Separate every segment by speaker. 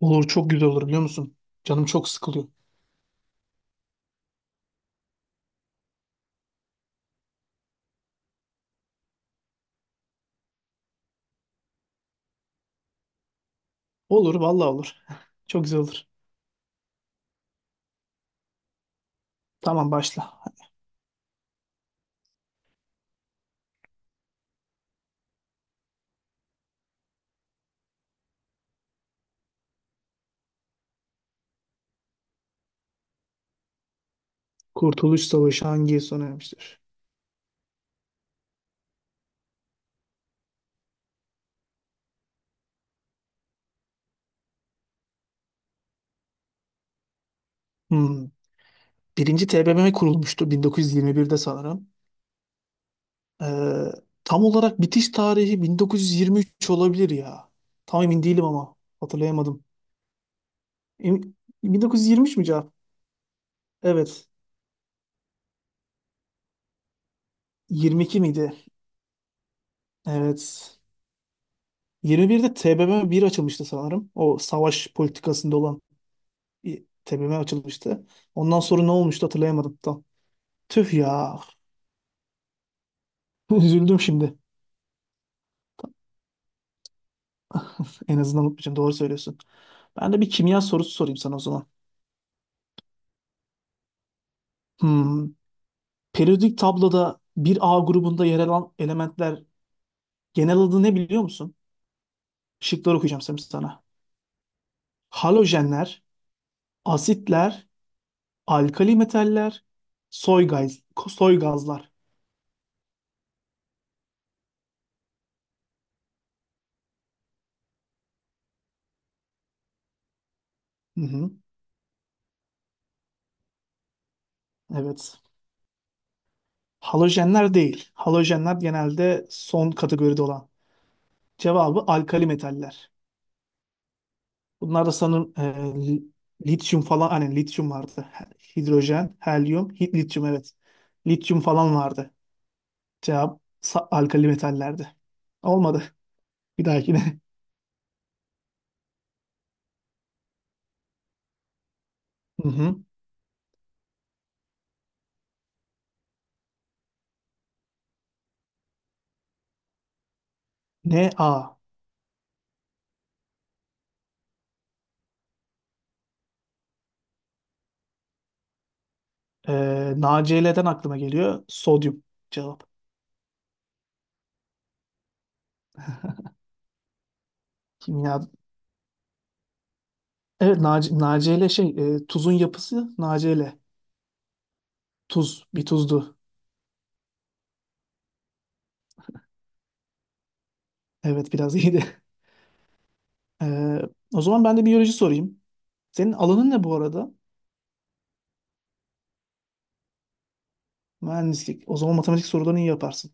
Speaker 1: Olur çok güzel olur biliyor musun? Canım çok sıkılıyor. Olur vallahi olur. Çok güzel olur. Tamam başla. Kurtuluş Savaşı hangi yıl sona ermiştir? Hmm. Birinci TBMM kurulmuştu 1921'de sanırım. Ee, Tam olarak bitiş tarihi 1923 olabilir ya. Tam emin değilim ama hatırlayamadım. Em- 1923 mi cevap? Evet. 22 miydi? Evet. 21'de TBMM bir açılmıştı sanırım. O savaş politikasında olan bir tepeme açılmıştı. Ondan sonra ne olmuştu hatırlayamadım tam. Tüh ya. Üzüldüm şimdi. En azından unutmayacağım. Doğru söylüyorsun. Ben de bir kimya sorusu sorayım sana o zaman. Hmm. Periyodik tabloda bir A grubunda yer alan elementler genel adı ne biliyor musun? Şıkları okuyacağım sana. Halojenler, asitler, alkali metaller, soy gaz, soy gazlar. Hı hı. Evet. Halojenler değil. Halojenler genelde son kategoride olan. Cevabı alkali metaller. Bunlar da sanırım lityum falan hani lityum vardı. Hidrojen, helyum, lityum evet. Lityum falan vardı. Cevap alkali metallerdi. Olmadı. Bir dahakine. Hı hı. Ne A? E, NaCl'den aklıma geliyor. Sodyum cevap. Kimya. Evet NaCl şey tuzun yapısı NaCl. Tuz. Bir tuzdu. Evet biraz iyiydi. E, o zaman ben de biyoloji sorayım. Senin alanın ne bu arada? Mühendislik. O zaman matematik sorularını iyi yaparsın.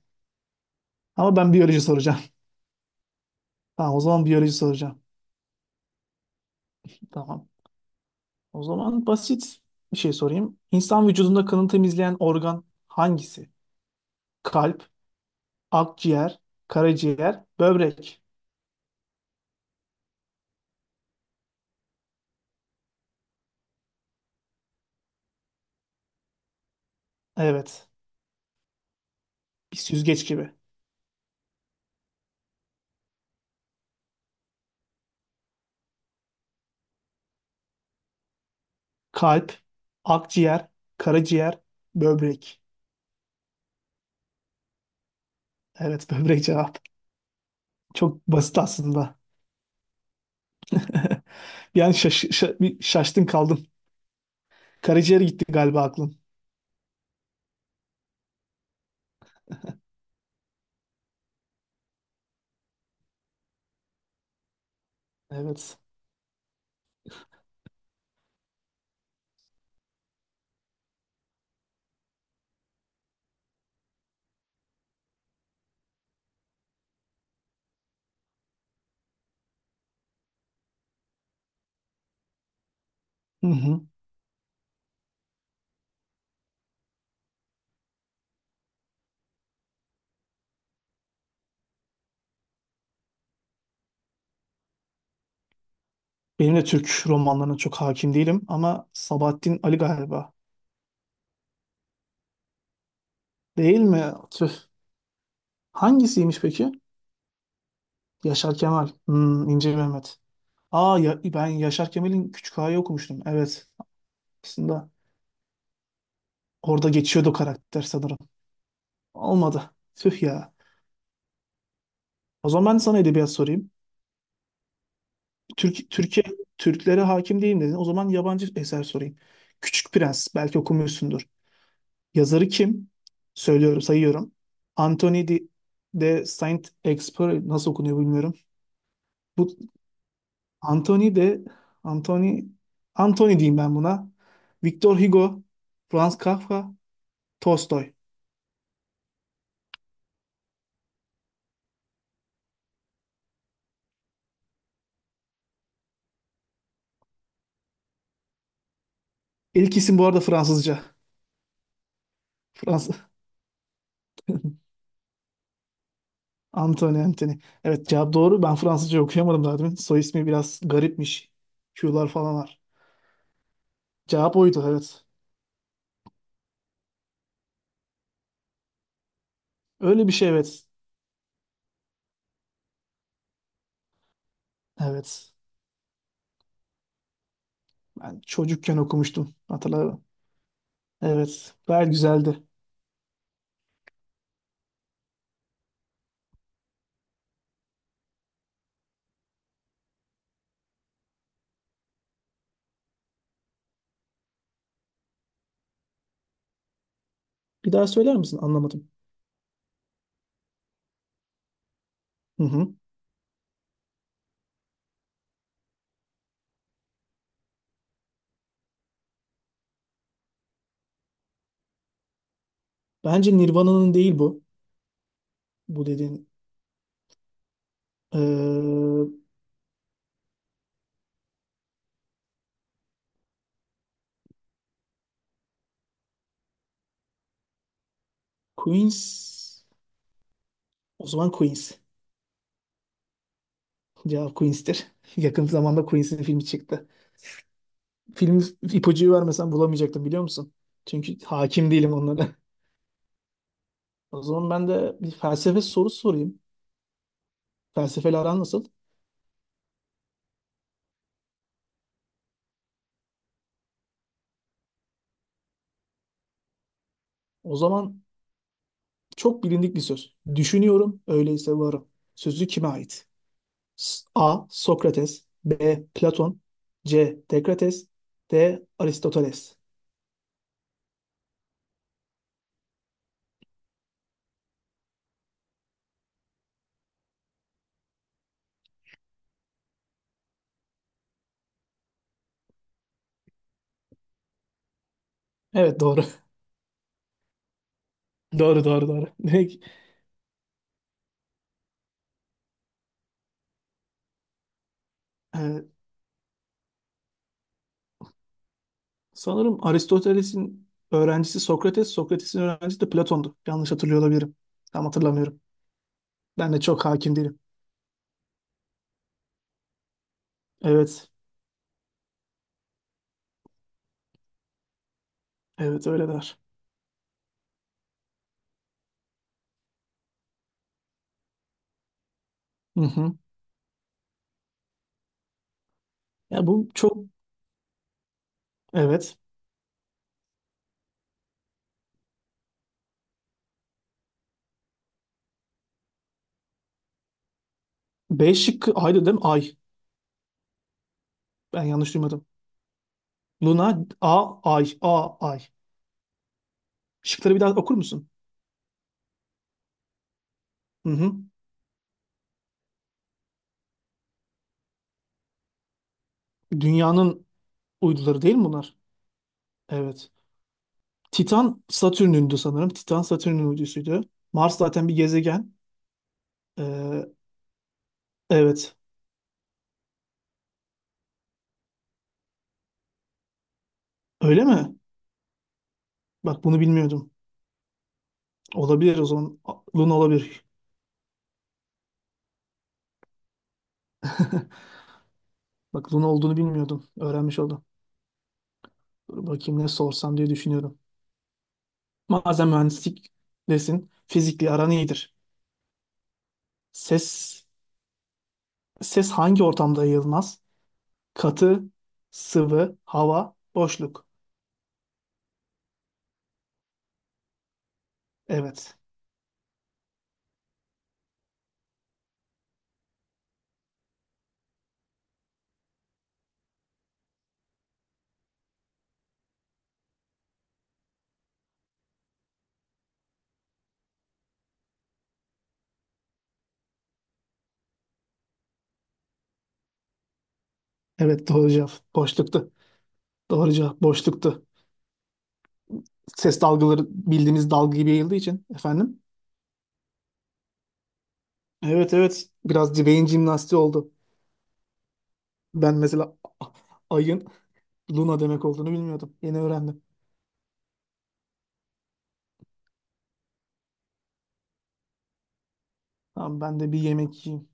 Speaker 1: Ama ben biyoloji soracağım. Tamam, o zaman biyoloji soracağım. Tamam. O zaman basit bir şey sorayım. İnsan vücudunda kanı temizleyen organ hangisi? Kalp, akciğer, karaciğer, böbrek. Evet. Bir süzgeç gibi. Kalp, akciğer, karaciğer, böbrek. Evet, böbrek cevap. Çok basit aslında. Bir an bir şaştın kaldın. Karaciğer gitti galiba aklın. Evet. Hı hı. Benim de Türk romanlarına çok hakim değilim ama Sabahattin Ali galiba. Değil mi? Tüh. Hangisiymiş peki? Yaşar Kemal. Hmm, İnce Mehmet. Aa ya, ben Yaşar Kemal'in Küçük Ağa'yı okumuştum. Evet. Aslında orada geçiyordu karakter sanırım. Olmadı. Tüh ya. O zaman ben sana edebiyat sorayım. Türkiye, Türklere hakim değilim dedin. O zaman yabancı eser sorayım. Küçük Prens. Belki okumuşsundur. Yazarı kim? Söylüyorum, sayıyorum. Anthony de, de Saint-Exupéry nasıl okunuyor bilmiyorum. Bu Anthony de Anthony Anthony diyeyim ben buna. Victor Hugo, Franz Kafka, Tolstoy. İlk isim bu arada Fransızca. Fransız. Anthony. Evet cevap doğru. Ben Fransızca okuyamadım daha demin. Soy ismi biraz garipmiş. Q'lar falan var. Cevap oydu evet. Öyle bir şey evet. Evet. Ben çocukken okumuştum. Hatırla, evet, gayet güzeldi. Bir daha söyler misin? Anlamadım. Hı hı. Bence Nirvana'nın değil bu. Bu dediğin. Ee, Queens. O zaman Queens. Cevap Queens'tir. Yakın zamanda Queens'in filmi çıktı. Film ipucu vermesen bulamayacaktım biliyor musun? Çünkü hakim değilim onlara. O zaman ben de bir felsefe sorusu sorayım. Felsefeyle aran nasıl? O zaman çok bilindik bir söz. Düşünüyorum, öyleyse varım. Sözü kime ait? A. Sokrates, B. Platon, C. Dekrates, D. Aristoteles. Evet doğru. Doğru. Demek e, sanırım Aristoteles'in öğrencisi Sokrates, Sokrates'in öğrencisi de Platon'du. Yanlış hatırlıyor olabilirim. Tam hatırlamıyorum. Ben de çok hakim değilim. Evet. Evet öyle der. Hı hı. Ya bu çok, evet. B şıkkı aydı değil mi? Ay. Ben yanlış duymadım. Luna A ay A ay. Şıkları bir daha okur musun? Hı hı. Dünyanın uyduları değil mi bunlar? Evet. Titan Satürn'ündü sanırım. Titan Satürn'ün uydusuydu. Mars zaten bir gezegen. Ee, evet. Öyle mi? Bak bunu bilmiyordum. Olabilir o zaman. Luna olabilir. Bak Luna olduğunu bilmiyordum. Öğrenmiş oldum. Dur bakayım ne sorsam diye düşünüyorum. Madem mühendislik desin. Fizikle aran iyidir. Ses, ses hangi ortamda yayılmaz? Katı, sıvı, hava, boşluk. Evet. Evet doğru cevap. Boşluktu. Doğru cevap boşluktu. Ses dalgaları bildiğimiz dalga gibi yayıldığı için efendim. Evet evet. Biraz beyin jimnastiği oldu. Ben mesela ayın Luna demek olduğunu bilmiyordum. Yeni öğrendim. Tamam ben de bir yemek yiyeyim.